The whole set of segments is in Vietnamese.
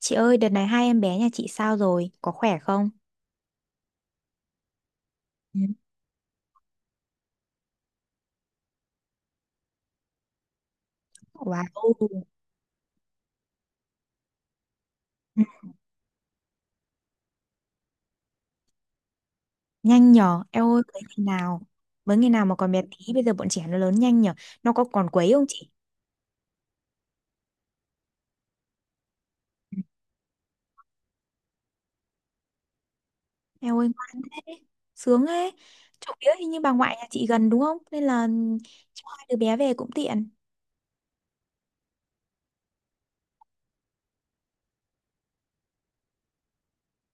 Chị ơi, đợt này hai em bé nhà chị sao rồi? Có khỏe không? Ừ. Wow. Ừ. Nhanh nhở, em ơi, cưới ngày nào? Với ngày nào mà còn bé tí, bây giờ bọn trẻ nó lớn nhanh nhở. Nó có còn quấy không chị? Em ơi, ngoan thế, sướng thế. Chỗ kia hình như bà ngoại nhà chị gần đúng không? Nên là cho hai đứa bé về cũng tiện.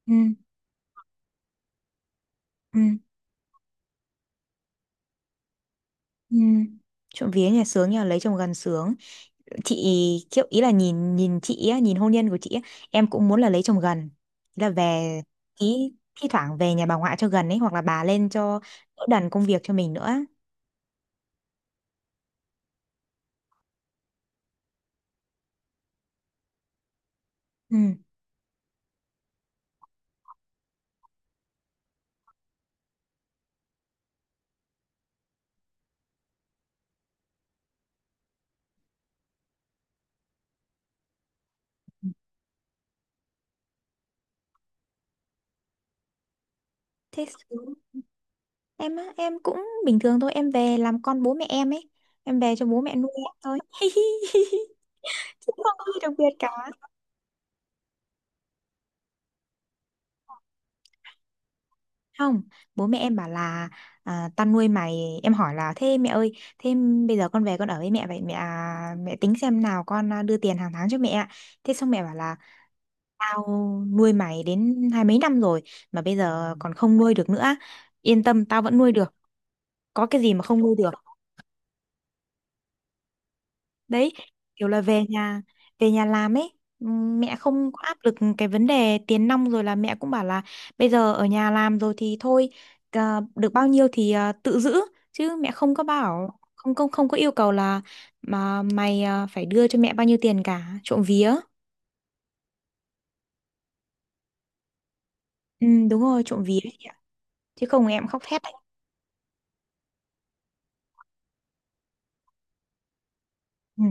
Ừ, ừ, ừ. Trộm vía nhà sướng nhờ, lấy chồng gần sướng. Chị kiểu ý là nhìn nhìn chị á, nhìn hôn nhân của chị á, em cũng muốn là lấy chồng gần, ý là về, ý thi thoảng về nhà bà ngoại cho gần ấy, hoặc là bà lên cho đỡ đần công việc cho mình nữa. Ừ. Thế xuống. Em á, em cũng bình thường thôi, em về làm con bố mẹ em ấy, em về cho bố mẹ nuôi em thôi cũng không có gì đặc biệt cả. Không, bố mẹ em bảo là, à, tao nuôi mày. Em hỏi là, thế mẹ ơi, thế bây giờ con về con ở với mẹ vậy, mẹ à, mẹ tính xem nào, con à, đưa tiền hàng tháng cho mẹ ạ. Thế xong mẹ bảo là, tao nuôi mày đến hai mấy năm rồi mà bây giờ còn không nuôi được nữa. Yên tâm, tao vẫn nuôi được, có cái gì mà không nuôi được. Đấy, kiểu là về nhà làm ấy. Mẹ không có áp lực cái vấn đề tiền nong, rồi là mẹ cũng bảo là bây giờ ở nhà làm rồi thì thôi, à, được bao nhiêu thì à, tự giữ, chứ mẹ không có bảo, không không không có yêu cầu là mà mày à, phải đưa cho mẹ bao nhiêu tiền cả, trộm vía. Ừ, đúng rồi, trộm vía đấy chị ạ. Chứ không em khóc thét đấy. Ừ.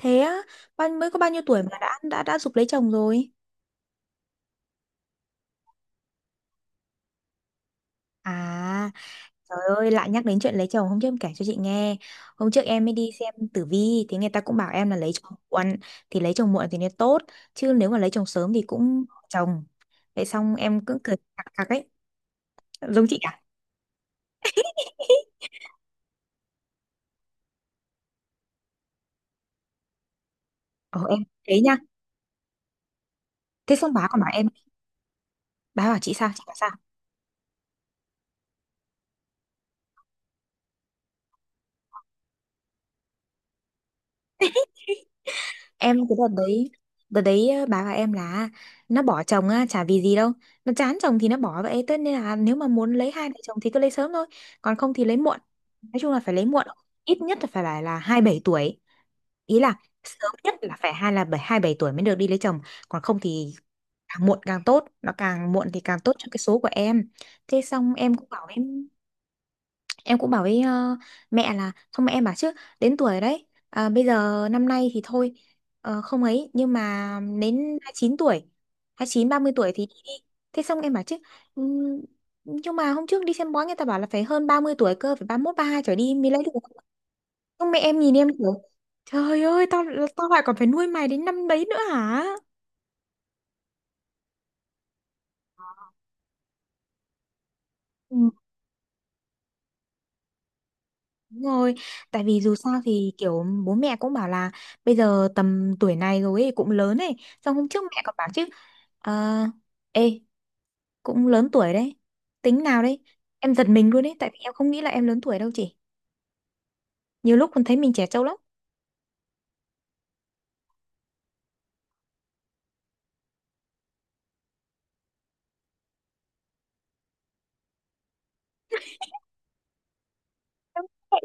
Thế á, bao mới có bao nhiêu tuổi mà đã giục lấy chồng rồi. À, trời ơi, lại nhắc đến chuyện lấy chồng. Hôm trước em kể cho chị nghe, hôm trước em mới đi xem tử vi thì người ta cũng bảo em là lấy chồng muộn, thì lấy chồng muộn thì nó tốt, chứ nếu mà lấy chồng sớm thì cũng chồng. Vậy xong em cứ cười cặc cặc ấy, giống chị à? Ồ em, thế nha. Thế xong bà còn bảo em, bà bảo chị sao? Chị bảo sao? Em cái đợt đấy, đợt đấy bà và em là, nó bỏ chồng á chả vì gì đâu, nó chán chồng thì nó bỏ vậy tất, nên là nếu mà muốn lấy hai vợ chồng thì cứ lấy sớm thôi, còn không thì lấy muộn. Nói chung là phải lấy muộn, ít nhất là phải là hai bảy tuổi, ý là sớm nhất là phải hai bảy tuổi mới được đi lấy chồng, còn không thì càng muộn càng tốt, nó càng muộn thì càng tốt cho cái số của em. Thế xong em cũng bảo với mẹ, là xong mẹ em bảo chứ, đến tuổi đấy à, bây giờ năm nay thì thôi, ờ, không ấy, nhưng mà đến 29 tuổi, 29 30 tuổi thì đi đi. Thế xong em bảo chứ, ừm, nhưng mà hôm trước đi xem bói người ta bảo là phải hơn 30 tuổi cơ, phải 31 32 trở đi mới lấy được. Xong mẹ em nhìn em kiểu, trời ơi, tao tao lại còn phải nuôi mày đến năm đấy nữa hả. Đúng rồi, tại vì dù sao thì kiểu bố mẹ cũng bảo là bây giờ tầm tuổi này rồi ấy, cũng lớn ấy. Xong hôm trước mẹ còn bảo chứ, ờ, ê, cũng lớn tuổi đấy, tính nào đấy. Em giật mình luôn ấy, tại vì em không nghĩ là em lớn tuổi đâu chị. Nhiều lúc còn thấy mình trẻ trâu lắm. Em vậy.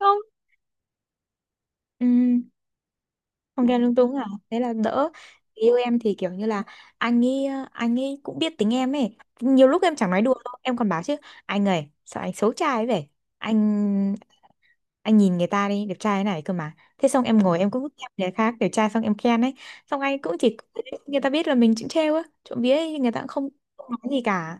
Không, ừ, không ghen lung túng à, thế là đỡ. Người yêu em thì kiểu như là anh ấy, anh ấy cũng biết tính em ấy. Nhiều lúc em chẳng nói đùa đâu, em còn bảo chứ, anh ơi, sao anh xấu trai ấy vậy? Anh anh nhìn người ta đi đẹp trai thế này cơ mà. Thế xong em ngồi em cũng khen người khác đẹp trai, xong em khen ấy, xong anh cũng chỉ, người ta biết là mình cũng trêu á, trộm vía ấy, người ta cũng không không nói gì cả.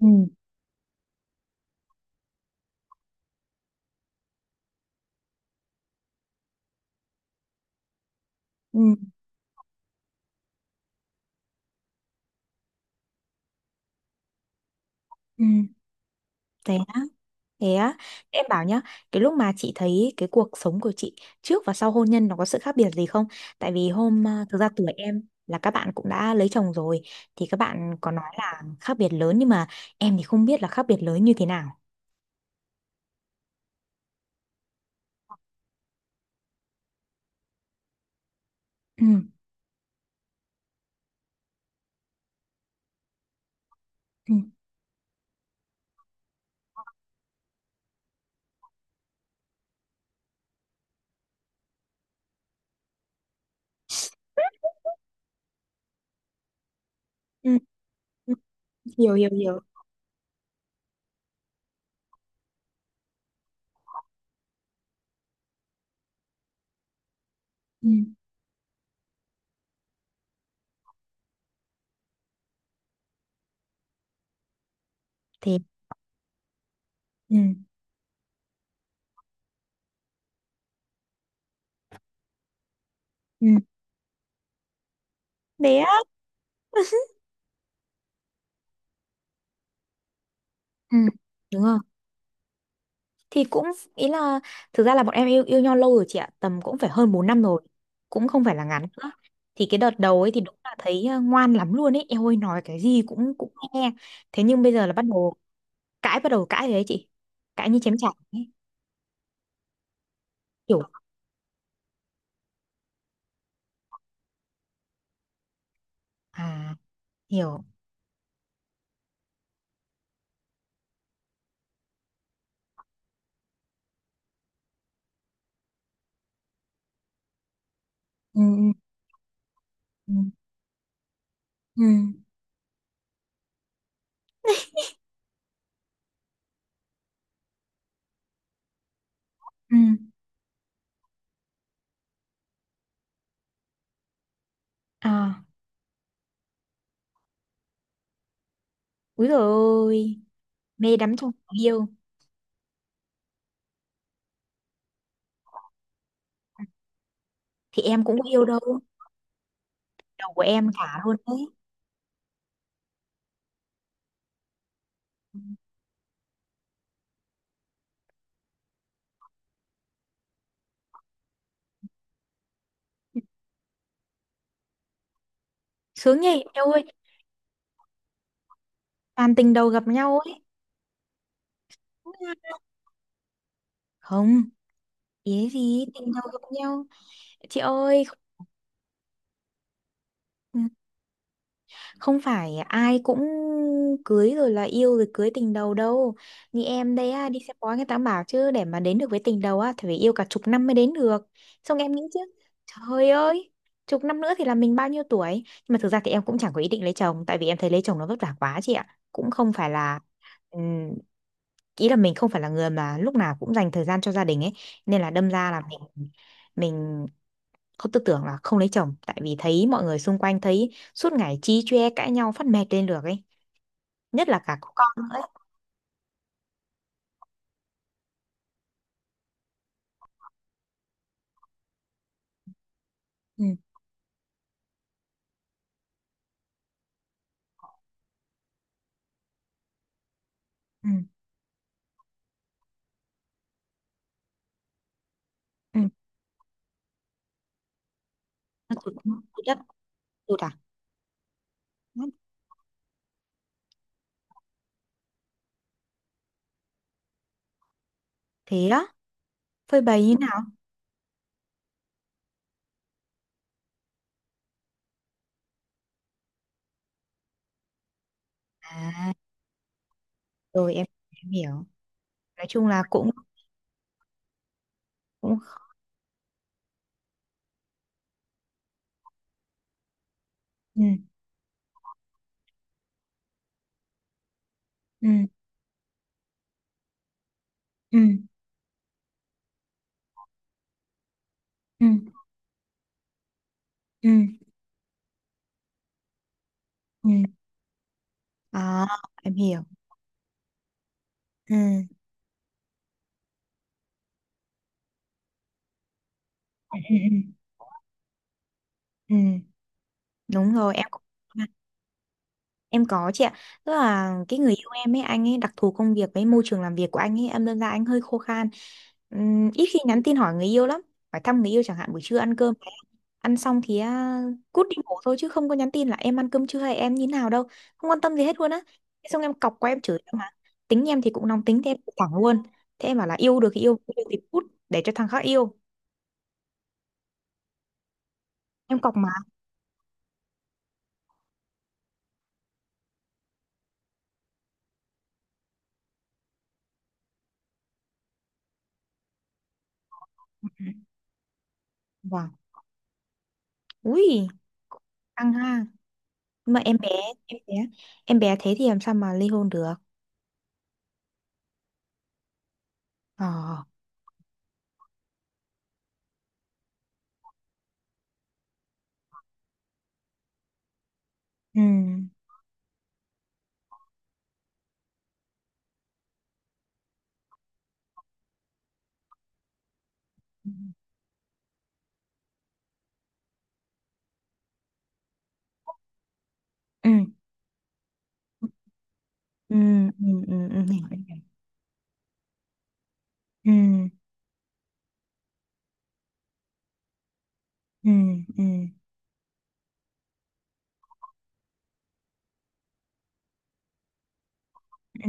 Ừ ừ ừ. Thế á, thế á. Em bảo nhá, cái lúc mà chị thấy cái cuộc sống của chị trước và sau hôn nhân, nó có sự khác biệt gì không? Tại vì thực ra tuổi em là các bạn cũng đã lấy chồng rồi, thì các bạn có nói là khác biệt lớn, nhưng mà em thì không biết là khác biệt lớn như thế nào. Ừ ừ ừ. Ừ, hiểu hiểu hiểu. Thế. Ừ. Ừ bé á. Ừ đúng rồi, thì cũng, ý là, thực ra là bọn em yêu yêu nhau lâu rồi chị ạ, tầm cũng phải hơn 4 năm rồi, cũng không phải là ngắn nữa. Thì cái đợt đầu ấy thì đúng là thấy, ờ, ngoan lắm luôn ấy em ơi, nói cái gì cũng cũng nghe. Thế nhưng bây giờ là bắt đầu cãi rồi đấy chị, cãi như chém chảy ấy, kiểu. À, hiểu. Ừ ừ ừ ừ. À. Úi dồi ôi, mê đắm trong tình yêu. Thì em cũng có yêu đâu. Đầu của em thả hơn đấy. Sướng nhỉ em ơi. Toàn tình đầu gặp nhau ấy. Không, ý gì tình đầu gặp nhau. Chị ơi, không phải ai cũng cưới rồi, là yêu rồi cưới tình đầu đâu. Như em đấy á, đi xem bói người ta bảo chứ, để mà đến được với tình đầu á thì phải yêu cả chục năm mới đến được. Xong em nghĩ chứ, trời ơi, chục năm nữa thì là mình bao nhiêu tuổi. Nhưng mà thực ra thì em cũng chẳng có ý định lấy chồng, tại vì em thấy lấy chồng nó vất vả quá chị ạ, cũng không phải là, ừm, ý là mình không phải là người mà lúc nào cũng dành thời gian cho gia đình ấy, nên là đâm ra là mình không tư tưởng là không lấy chồng, tại vì thấy mọi người xung quanh, thấy suốt ngày chí chóe cãi nhau phát mệt lên được ấy. Nhất là cả có con nữa ấy. Ừ, ừ, ừ. Nó tụt tụt đất, tụt à? Thế đó, phơi bày như nào? À, rồi em hiểu. Nói chung là cũng, cũng. Ừ, ừ, ừ, ừ, ừ, ừ. À, em hiểu. Ừ, ừ, ừ, ừ. Ừ. Đúng rồi, em cũng. Em có chị ạ. Tức là cái người yêu em ấy, anh ấy đặc thù công việc với môi trường làm việc của anh ấy, em đơn ra anh hơi khô khan. Ít khi nhắn tin hỏi người yêu lắm. Phải thăm người yêu chẳng hạn, buổi trưa ăn cơm ăn xong thì à, cút đi ngủ thôi, chứ không có nhắn tin là em ăn cơm chưa hay em như nào đâu. Không quan tâm gì hết luôn á. Thế xong em cọc qua em chửi em mà. Tính em thì cũng nóng tính, thế em cũng thẳng luôn. Thế em bảo là yêu được thì yêu, không yêu thì cút để cho thằng khác yêu. Em cọc mà. Vâng. Ui, căng ha. Mà em bé em bé, em bé thế thì làm sao mà ly hôn được. Ờ. Ừ ừ ừ ừ ừ ừ, hiểu, em hiểu. Ừ ừ ừ ừ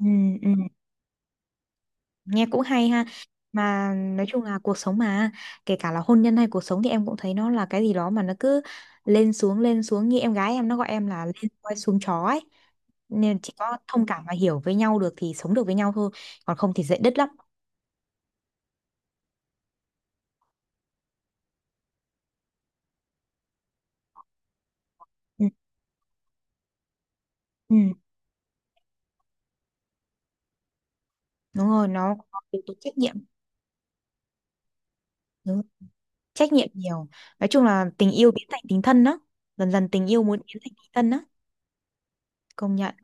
ừ ừ. Nghe cũng hay ha. Mà nói chung là cuộc sống mà, kể cả là hôn nhân hay cuộc sống thì em cũng thấy nó là cái gì đó mà nó cứ lên xuống lên xuống, như em gái em nó gọi em là lên voi xuống chó ấy, nên chỉ có thông cảm và hiểu với nhau được thì sống được với nhau thôi, còn không thì dễ đứt lắm. Ừ, ừ. Đúng rồi, nó có yếu tố trách nhiệm. Đúng, trách nhiệm nhiều. Nói chung là tình yêu biến thành tình thân đó, dần dần tình yêu muốn biến thành tình thân đó, công nhận.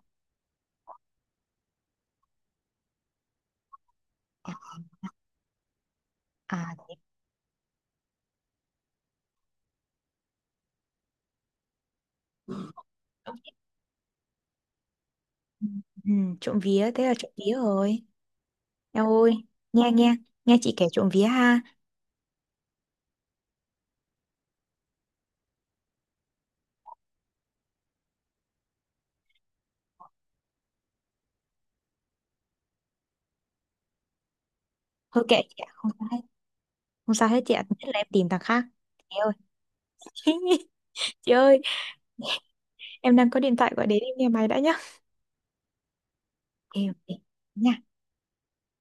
À. Ừ, ừ, trộm vía, thế là trộm vía rồi. Em ơi, nghe, nghe, nghe chị kể, trộm vía ha. Thôi kệ chị ạ, không sao hết, không sao hết chị ạ, nhất là em tìm thằng khác. Chị ơi, chị ơi, em đang có điện thoại gọi đến, em nghe máy đã nhá. Ok ok nha.